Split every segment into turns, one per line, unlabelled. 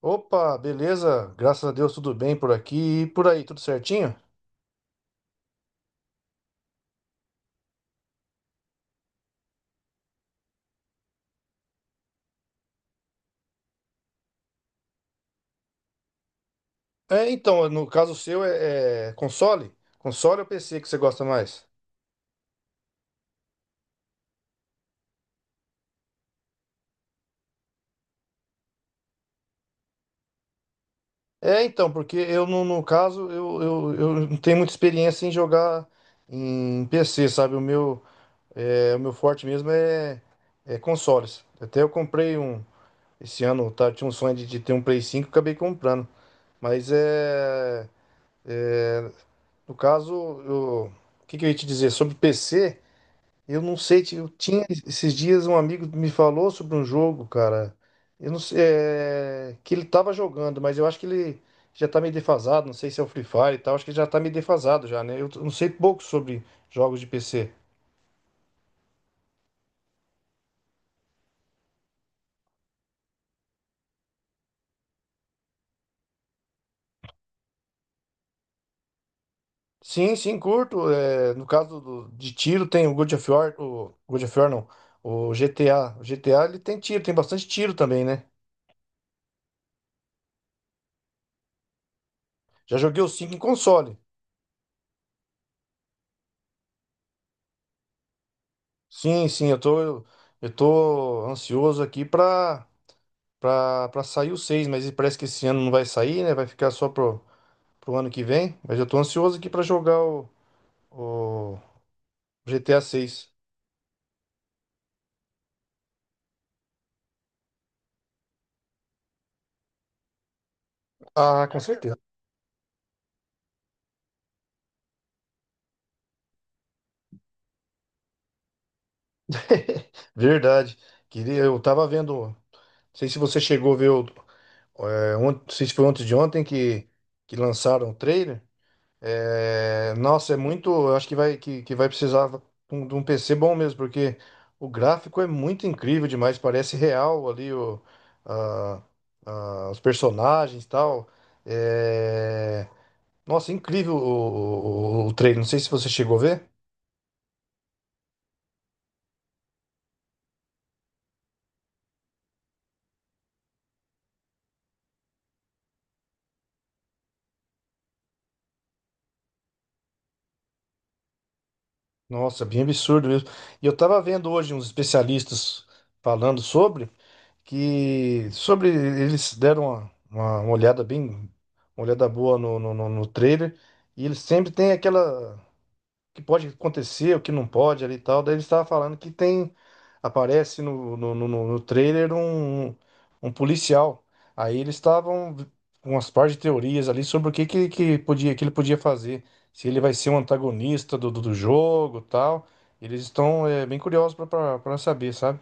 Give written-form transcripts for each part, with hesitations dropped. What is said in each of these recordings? Opa, beleza? Graças a Deus, tudo bem por aqui e por aí, tudo certinho? No caso seu é console? Console ou PC que você gosta mais? Porque eu, no caso, eu não tenho muita experiência em jogar em PC, sabe? O meu forte mesmo é consoles. Até eu comprei um, esse ano. Tá, tinha um sonho de ter um Play 5, acabei comprando. Mas é, no caso, eu- o que que eu ia te dizer? Sobre PC. Eu não sei, eu tinha esses dias um amigo me falou sobre um jogo, cara. Eu não sei, que ele tava jogando, mas eu acho que ele já tá meio defasado. Não sei se é o Free Fire e tal. Acho que ele já tá meio defasado já, né? Eu não sei pouco sobre jogos de PC. Sim, sim, curto. No caso de tiro tem o God of War, o God of War não, o GTA. O GTA ele tem tiro, tem bastante tiro também, né? Já joguei o cinco em console. Sim, sim, eu tô ansioso aqui pra pra sair o seis, mas parece que esse ano não vai sair, né? Vai ficar só pro ano que vem. Mas eu tô ansioso aqui pra jogar o GTA seis. Ah, com certeza. Verdade. Queria, eu tava vendo. Não sei se você chegou a ver o. É, não sei se foi antes de ontem que, lançaram o trailer. É, nossa, é muito. Eu acho que vai, que vai precisar de um PC bom mesmo, porque o gráfico é muito incrível demais. Parece real ali a- os personagens e tal. É, nossa, incrível o trailer. Não sei se você chegou a ver. Nossa, bem absurdo mesmo. E eu tava vendo hoje uns especialistas falando sobre. Que sobre eles deram uma, uma olhada bem, uma olhada boa no trailer. E eles sempre tem aquela que pode acontecer, o que não pode ali e tal. Daí eles estavam falando que tem, aparece no trailer um policial. Aí eles estavam com umas par de teorias ali sobre o que ele podia fazer, se ele vai ser um antagonista do jogo e tal. Eles estão bem curiosos para saber, sabe?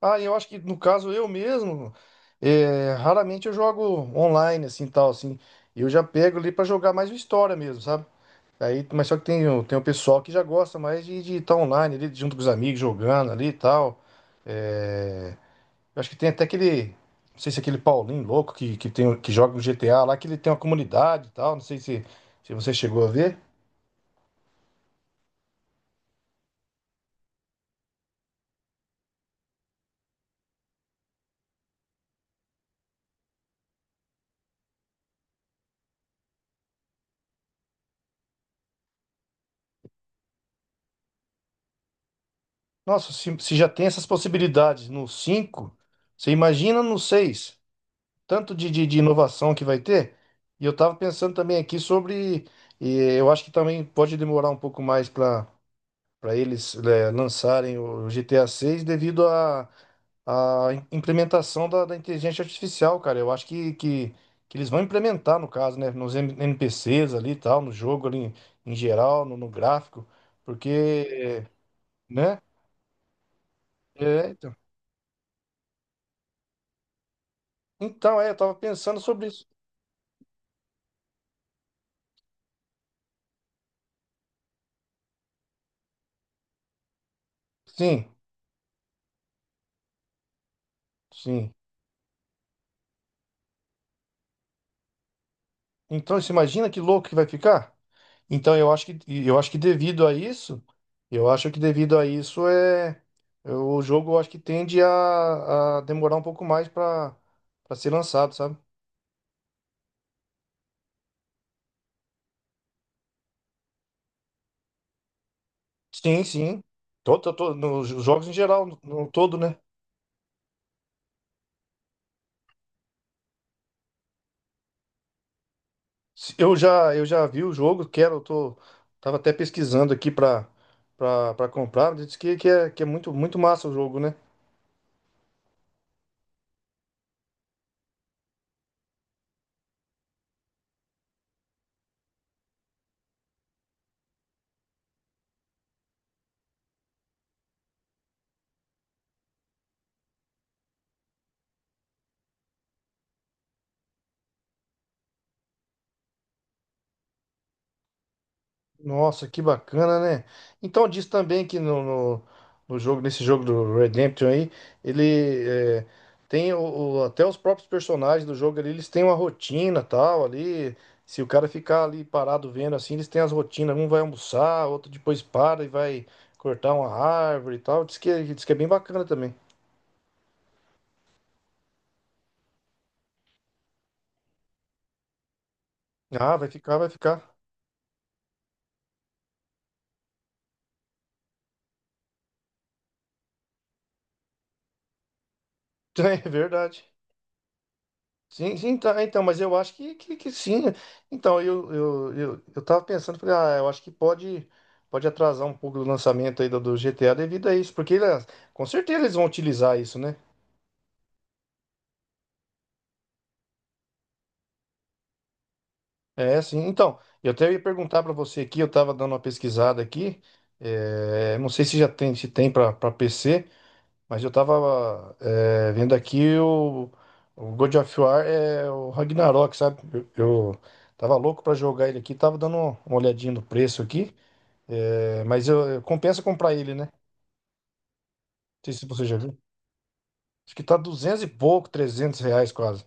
Ah, eu acho que no caso eu mesmo, raramente eu jogo online assim, tal assim. Eu já pego ali pra jogar mais o história mesmo, sabe? Aí, mas só que tem, tem o pessoal que já gosta mais de estar online ali junto com os amigos jogando ali e tal. É, eu acho que tem até aquele, não sei se é aquele Paulinho louco que joga no GTA lá, que ele tem uma comunidade e tal. Não sei se você chegou a ver. Nossa, se já tem essas possibilidades no 5, você imagina no 6? Tanto de inovação que vai ter. E eu estava pensando também aqui sobre. E eu acho que também pode demorar um pouco mais para eles, lançarem o GTA 6 devido à implementação da inteligência artificial, cara. Eu acho que eles vão implementar, no caso, né, nos NPCs ali e tal, no jogo ali em geral, no gráfico, porque, né? É, então. Então, eu tava pensando sobre isso. Sim, sim. Então, você imagina que louco que vai ficar? Então, eu acho que devido a isso, eu acho que devido a isso, o jogo eu acho que tende a demorar um pouco mais para ser lançado, sabe? Sim, sim. Nos jogos em geral, no todo, né? Eu já vi o jogo, quero, eu tô tava até pesquisando aqui para comprar, mas diz que é que é muito muito massa o jogo, né? Nossa, que bacana, né? Então diz também que no, no jogo, nesse jogo do Redemption aí, ele é, tem até os próprios personagens do jogo ali, eles têm uma rotina tal ali. Se o cara ficar ali parado vendo assim, eles têm as rotinas. Um vai almoçar, outro depois para e vai cortar uma árvore e tal. Diz que é bem bacana também. Ah, vai ficar, vai ficar. É verdade. Sim, sim, tá, então, mas eu acho que sim. Então, eu tava pensando, falei, ah, eu acho que pode atrasar um pouco o lançamento aí do GTA devido a isso, porque com certeza eles vão utilizar isso, né? É, sim. Então, eu até ia perguntar para você aqui, eu tava dando uma pesquisada aqui, não sei se já tem, se tem para pra PC. Mas eu tava vendo aqui o God of War, o Ragnarok, sabe? Eu tava louco para jogar ele aqui, tava dando uma olhadinha no preço aqui. É, mas compensa comprar ele, né? Não sei se você já viu. Acho que tá 200 e pouco, R$ 300 quase.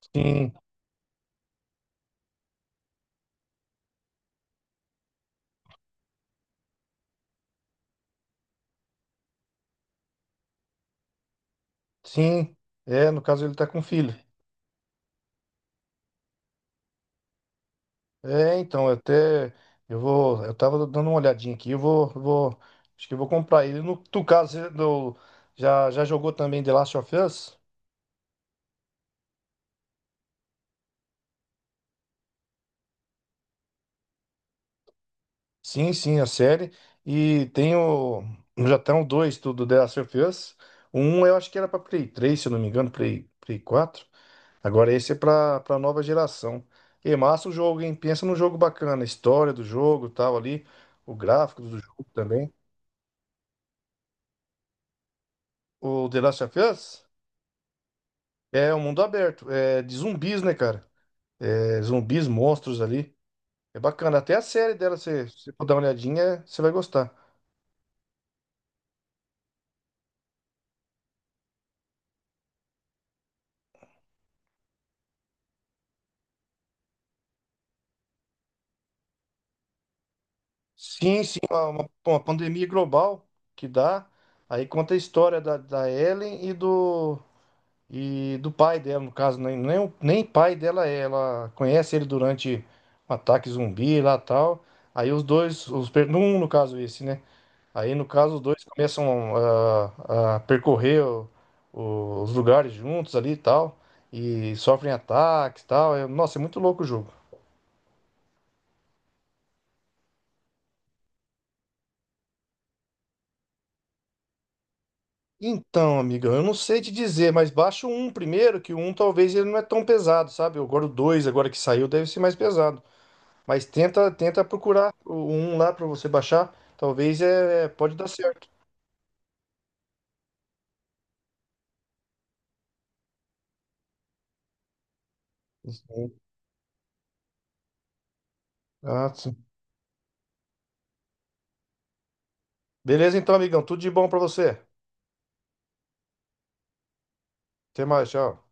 Sim, sim. É, no caso ele tá com filho. É, então, eu até. Eu vou. Eu tava dando uma olhadinha aqui. Eu vou. Eu vou acho que eu vou comprar ele. No tu caso, você já jogou também The Last of Us? Sim, sim, a série. E tem o. Já estão dois do The Last of Us. Um eu acho que era pra Play 3, se eu não me engano, Play 4. Agora esse é pra para nova geração. E massa o jogo, hein? Pensa num jogo bacana, a história do jogo, tal ali, o gráfico do jogo também. O The Last of Us é um mundo aberto, é de zumbis, né, cara? É, zumbis, monstros ali. É bacana. Até a série dela, se você for dar uma olhadinha, você vai gostar. Sim, sim, uma pandemia global que dá. Aí conta a história da Ellen e do pai dela, no caso, nem pai dela é. Ela conhece ele durante um ataque zumbi lá tal. Aí os dois, os, per- no um no caso esse, né? Aí no caso os dois começam a percorrer os lugares juntos ali e tal. E sofrem ataques e tal. Nossa, é muito louco o jogo. Então, amiga, eu não sei te dizer, mas baixa o um primeiro, que o um talvez ele não é tão pesado, sabe? Agora o dois agora que saiu, deve ser mais pesado. Mas tenta procurar um lá para você baixar. Talvez pode dar certo. Sim. Ah, sim. Beleza então, amigão. Tudo de bom para você. Até mais, tchau.